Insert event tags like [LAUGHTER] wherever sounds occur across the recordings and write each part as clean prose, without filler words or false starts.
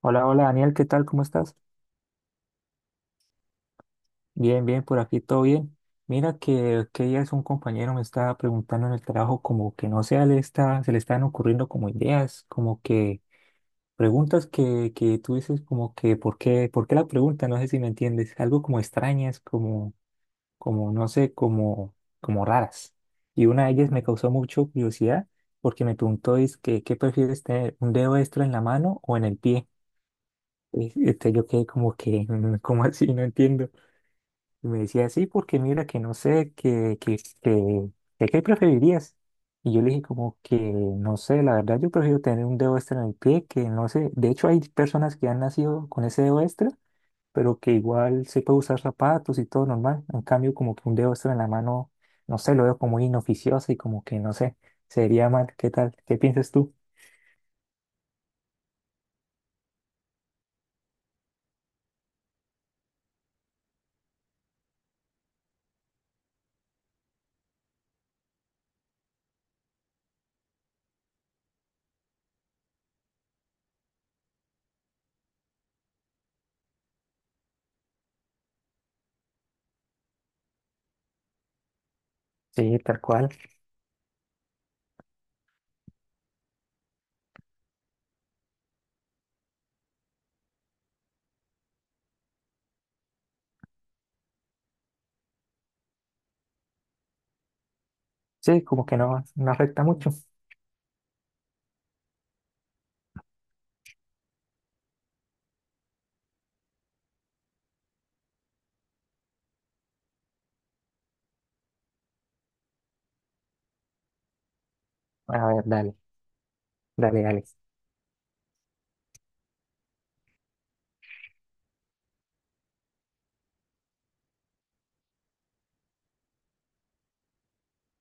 Hola, hola Daniel, ¿qué tal? ¿Cómo estás? Bien, bien, por aquí todo bien. Mira que días un compañero me estaba preguntando en el trabajo como que no se le están ocurriendo como ideas, como que preguntas que tú dices como que ¿por qué la pregunta? No sé si me entiendes, algo como extrañas, como, como, no sé, como raras. Y una de ellas me causó mucho curiosidad porque me preguntó es que ¿qué prefieres tener, un dedo extra en la mano o en el pie? Y, yo quedé como que, [LAUGHS] ¿cómo así? No entiendo. Y me decía, sí, porque mira, que no sé, que qué preferirías. Y yo le dije como que, no sé, la verdad yo prefiero tener un dedo extra en el pie, que no sé, de hecho hay personas que han nacido con ese dedo extra, pero que igual se puede usar zapatos y todo normal. En cambio, como que un dedo extra en la mano, no sé, lo veo como muy inoficioso y como que, no sé, sería mal. ¿Qué tal? ¿Qué piensas tú? Sí, tal cual. Sí, como que no, no afecta mucho. A ver, dale, dale, dale.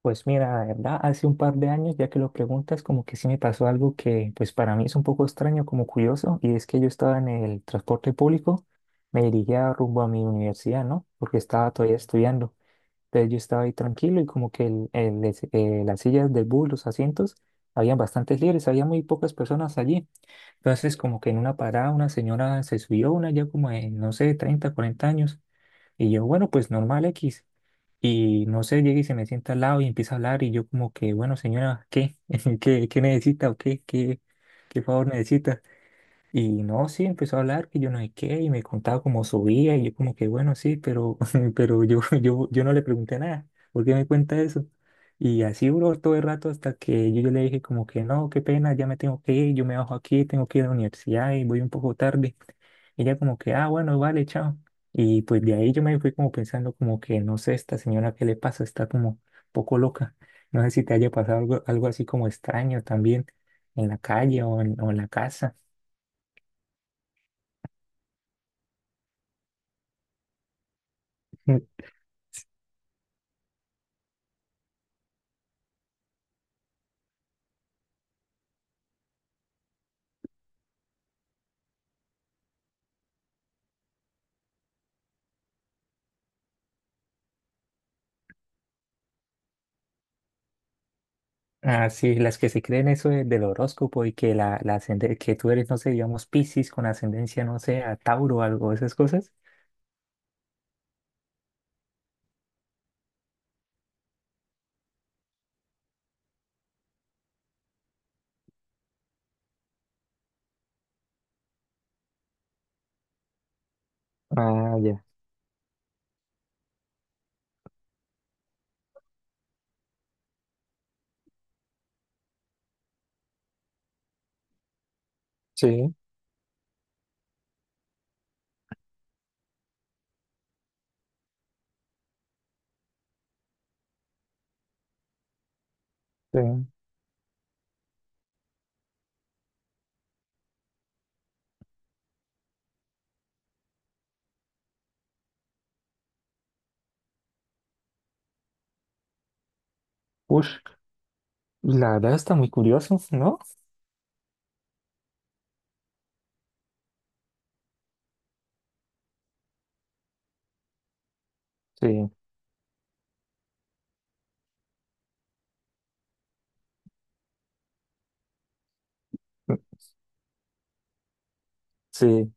Pues mira, la verdad, hace un par de años, ya que lo preguntas, como que sí me pasó algo que pues para mí es un poco extraño, como curioso, y es que yo estaba en el transporte público, me dirigía rumbo a mi universidad, ¿no? Porque estaba todavía estudiando. Entonces yo estaba ahí tranquilo y como que las sillas del bus, los asientos, habían bastantes libres, había muy pocas personas allí. Entonces como que en una parada una señora se subió, una ya como de, no sé, 30, 40 años. Y yo, bueno, pues normal X. Y no sé, llega y se me sienta al lado y empieza a hablar y yo como que, bueno, señora, ¿qué? [LAUGHS] ¿Qué necesita o qué? ¿Qué favor necesita? Y no, sí, empezó a hablar que yo no sé qué, y me contaba cómo subía, y yo como que bueno, sí, pero, [LAUGHS] pero yo no le pregunté nada, ¿por qué me cuenta eso? Y así duró todo el rato hasta que yo le dije como que no, qué pena, ya me tengo que ir, yo me bajo aquí, tengo que ir a la universidad y voy un poco tarde. Ella como que, ah, bueno, vale, chao. Y pues de ahí yo me fui como pensando como que, no sé, esta señora, ¿qué le pasa? Está como un poco loca. No sé si te haya pasado algo así como extraño también en la calle o o en la casa. [LAUGHS] Ah, sí, las que se creen eso del horóscopo y que que tú eres, no sé, digamos, Piscis con ascendencia, no sé, a Tauro o algo, esas cosas. Ah, ya. Sí, sí. Ush, la verdad está muy curioso, ¿no? Sí, sí.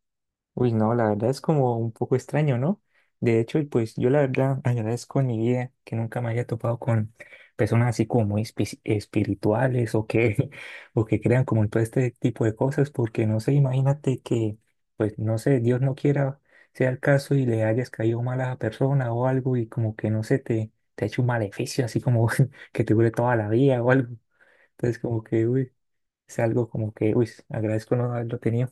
Uy, no, la verdad es como un poco extraño, ¿no? De hecho, y pues yo la verdad agradezco en mi vida que nunca me haya topado con personas así como muy espirituales o que, [LAUGHS] o que crean como en todo este tipo de cosas, porque no sé, imagínate que, pues no sé, Dios no quiera sea el caso y le hayas caído mal a la persona o algo y como que no sé, te ha hecho un maleficio así como [LAUGHS] que te dure toda la vida o algo. Entonces como que, uy, es algo como que, uy, agradezco no haberlo tenido.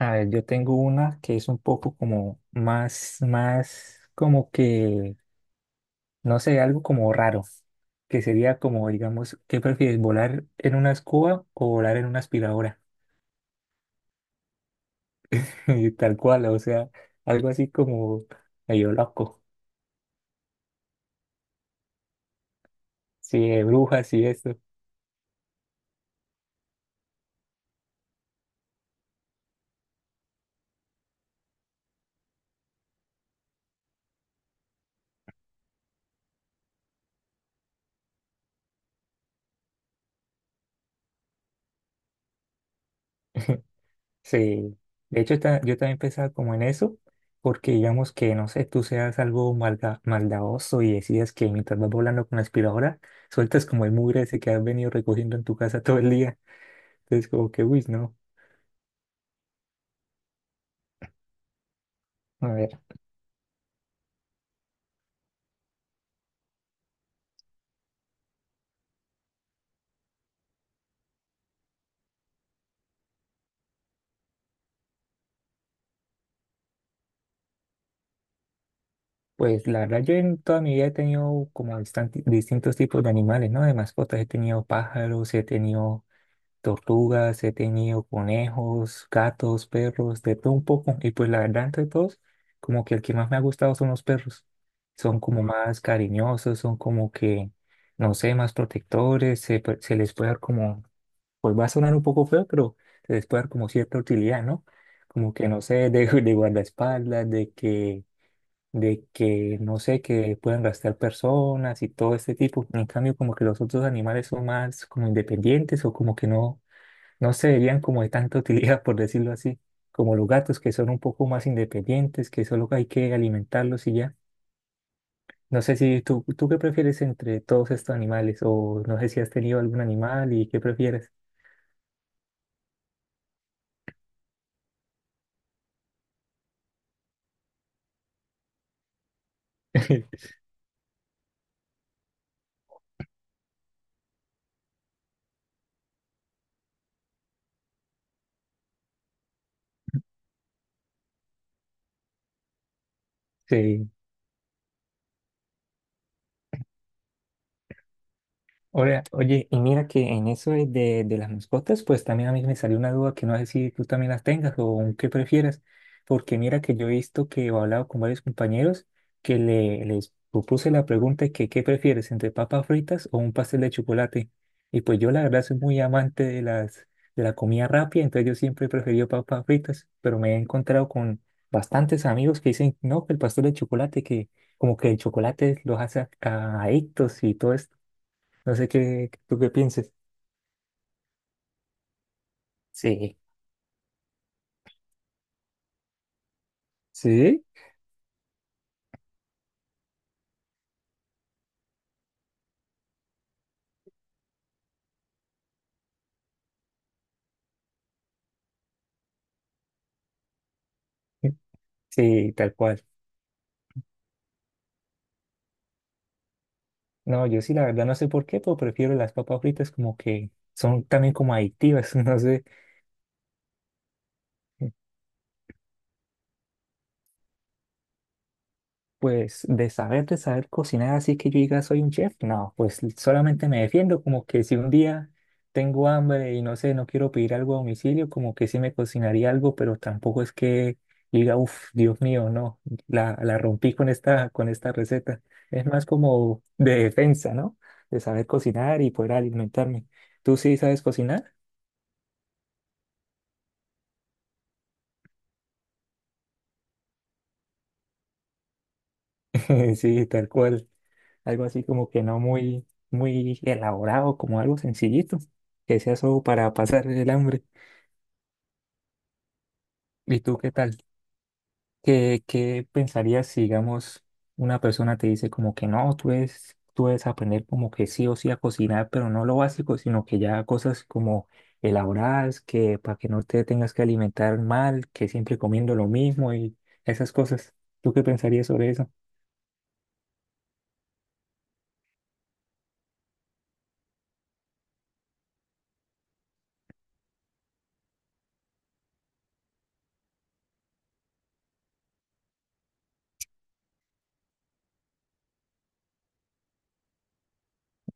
A ver, yo tengo una que es un poco como más como que, no sé, algo como raro, que sería como, digamos, ¿qué prefieres, volar en una escoba o volar en una aspiradora? [LAUGHS] Y tal cual, o sea, algo así como medio loco, sí, de brujas y eso. [LAUGHS] Sí, de hecho yo también pensaba como en eso, porque digamos que, no sé, tú seas algo maldadoso y decides que mientras vas volando con la aspiradora, sueltas como el mugre ese que has venido recogiendo en tu casa todo el día. Entonces como que, uy, no. A ver, pues la verdad yo en toda mi vida he tenido como distintos tipos de animales, ¿no? De mascotas, he tenido pájaros, he tenido tortugas, he tenido conejos, gatos, perros, de todo un poco. Y pues la verdad, entre todos, como que el que más me ha gustado son los perros. Son como más cariñosos, son como que, no sé, más protectores, se les puede dar como, pues va a sonar un poco feo, pero se les puede dar como cierta utilidad, ¿no? Como que, no sé, [LAUGHS] de guardaespaldas, de que, no sé, que puedan gastar personas y todo este tipo. En cambio, como que los otros animales son más como independientes o como que no se verían como de tanta utilidad, [LAUGHS] por decirlo así, como los gatos que son un poco más independientes, que solo hay que alimentarlos y ya. No sé si tú qué prefieres entre todos estos animales o no sé si has tenido algún animal y qué prefieres. [LAUGHS] Sí. Oye, oye, y mira que en eso de las mascotas, pues también a mí me salió una duda que no sé si tú también las tengas o qué prefieras, porque mira que yo he visto que he hablado con varios compañeros que les propuse la pregunta de que qué prefieres, entre papas fritas o un pastel de chocolate. Y pues yo la verdad soy muy amante de la comida rápida, entonces yo siempre he preferido papas fritas, pero me he encontrado con bastantes amigos que dicen, no, que el pastel de chocolate, que como que el chocolate los hace adictos y todo no sé qué, tú qué pienses. Sí, ¿sí? Sí, tal cual. No, yo sí, la verdad no sé por qué, pero prefiero las papas fritas como que son también como adictivas, [LAUGHS] no sé. Pues de saber cocinar, así que yo diga soy un chef, no, pues solamente me defiendo, como que si un día tengo hambre y no sé, no quiero pedir algo a domicilio, como que sí me cocinaría algo, pero tampoco es que diga, uff, Dios mío, no, la rompí con esta receta. Es más como de defensa, ¿no? De saber cocinar y poder alimentarme. ¿Tú sí sabes cocinar? [LAUGHS] Sí, tal cual. Algo así como que no muy, muy elaborado, como algo sencillito, que sea solo para pasar el hambre. ¿Y tú qué tal? ¿Qué pensarías si, digamos, una persona te dice como que no, tú debes aprender como que sí o sí a cocinar, pero no lo básico, sino que ya cosas como elaboradas, que para que no te tengas que alimentar mal, que siempre comiendo lo mismo y esas cosas. ¿Tú qué pensarías sobre eso?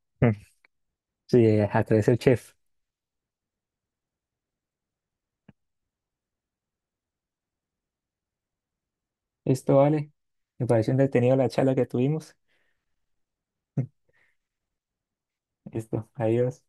[LAUGHS] Sí a través el chef. Esto vale. Me pareció entretenido la charla que tuvimos. Listo, adiós.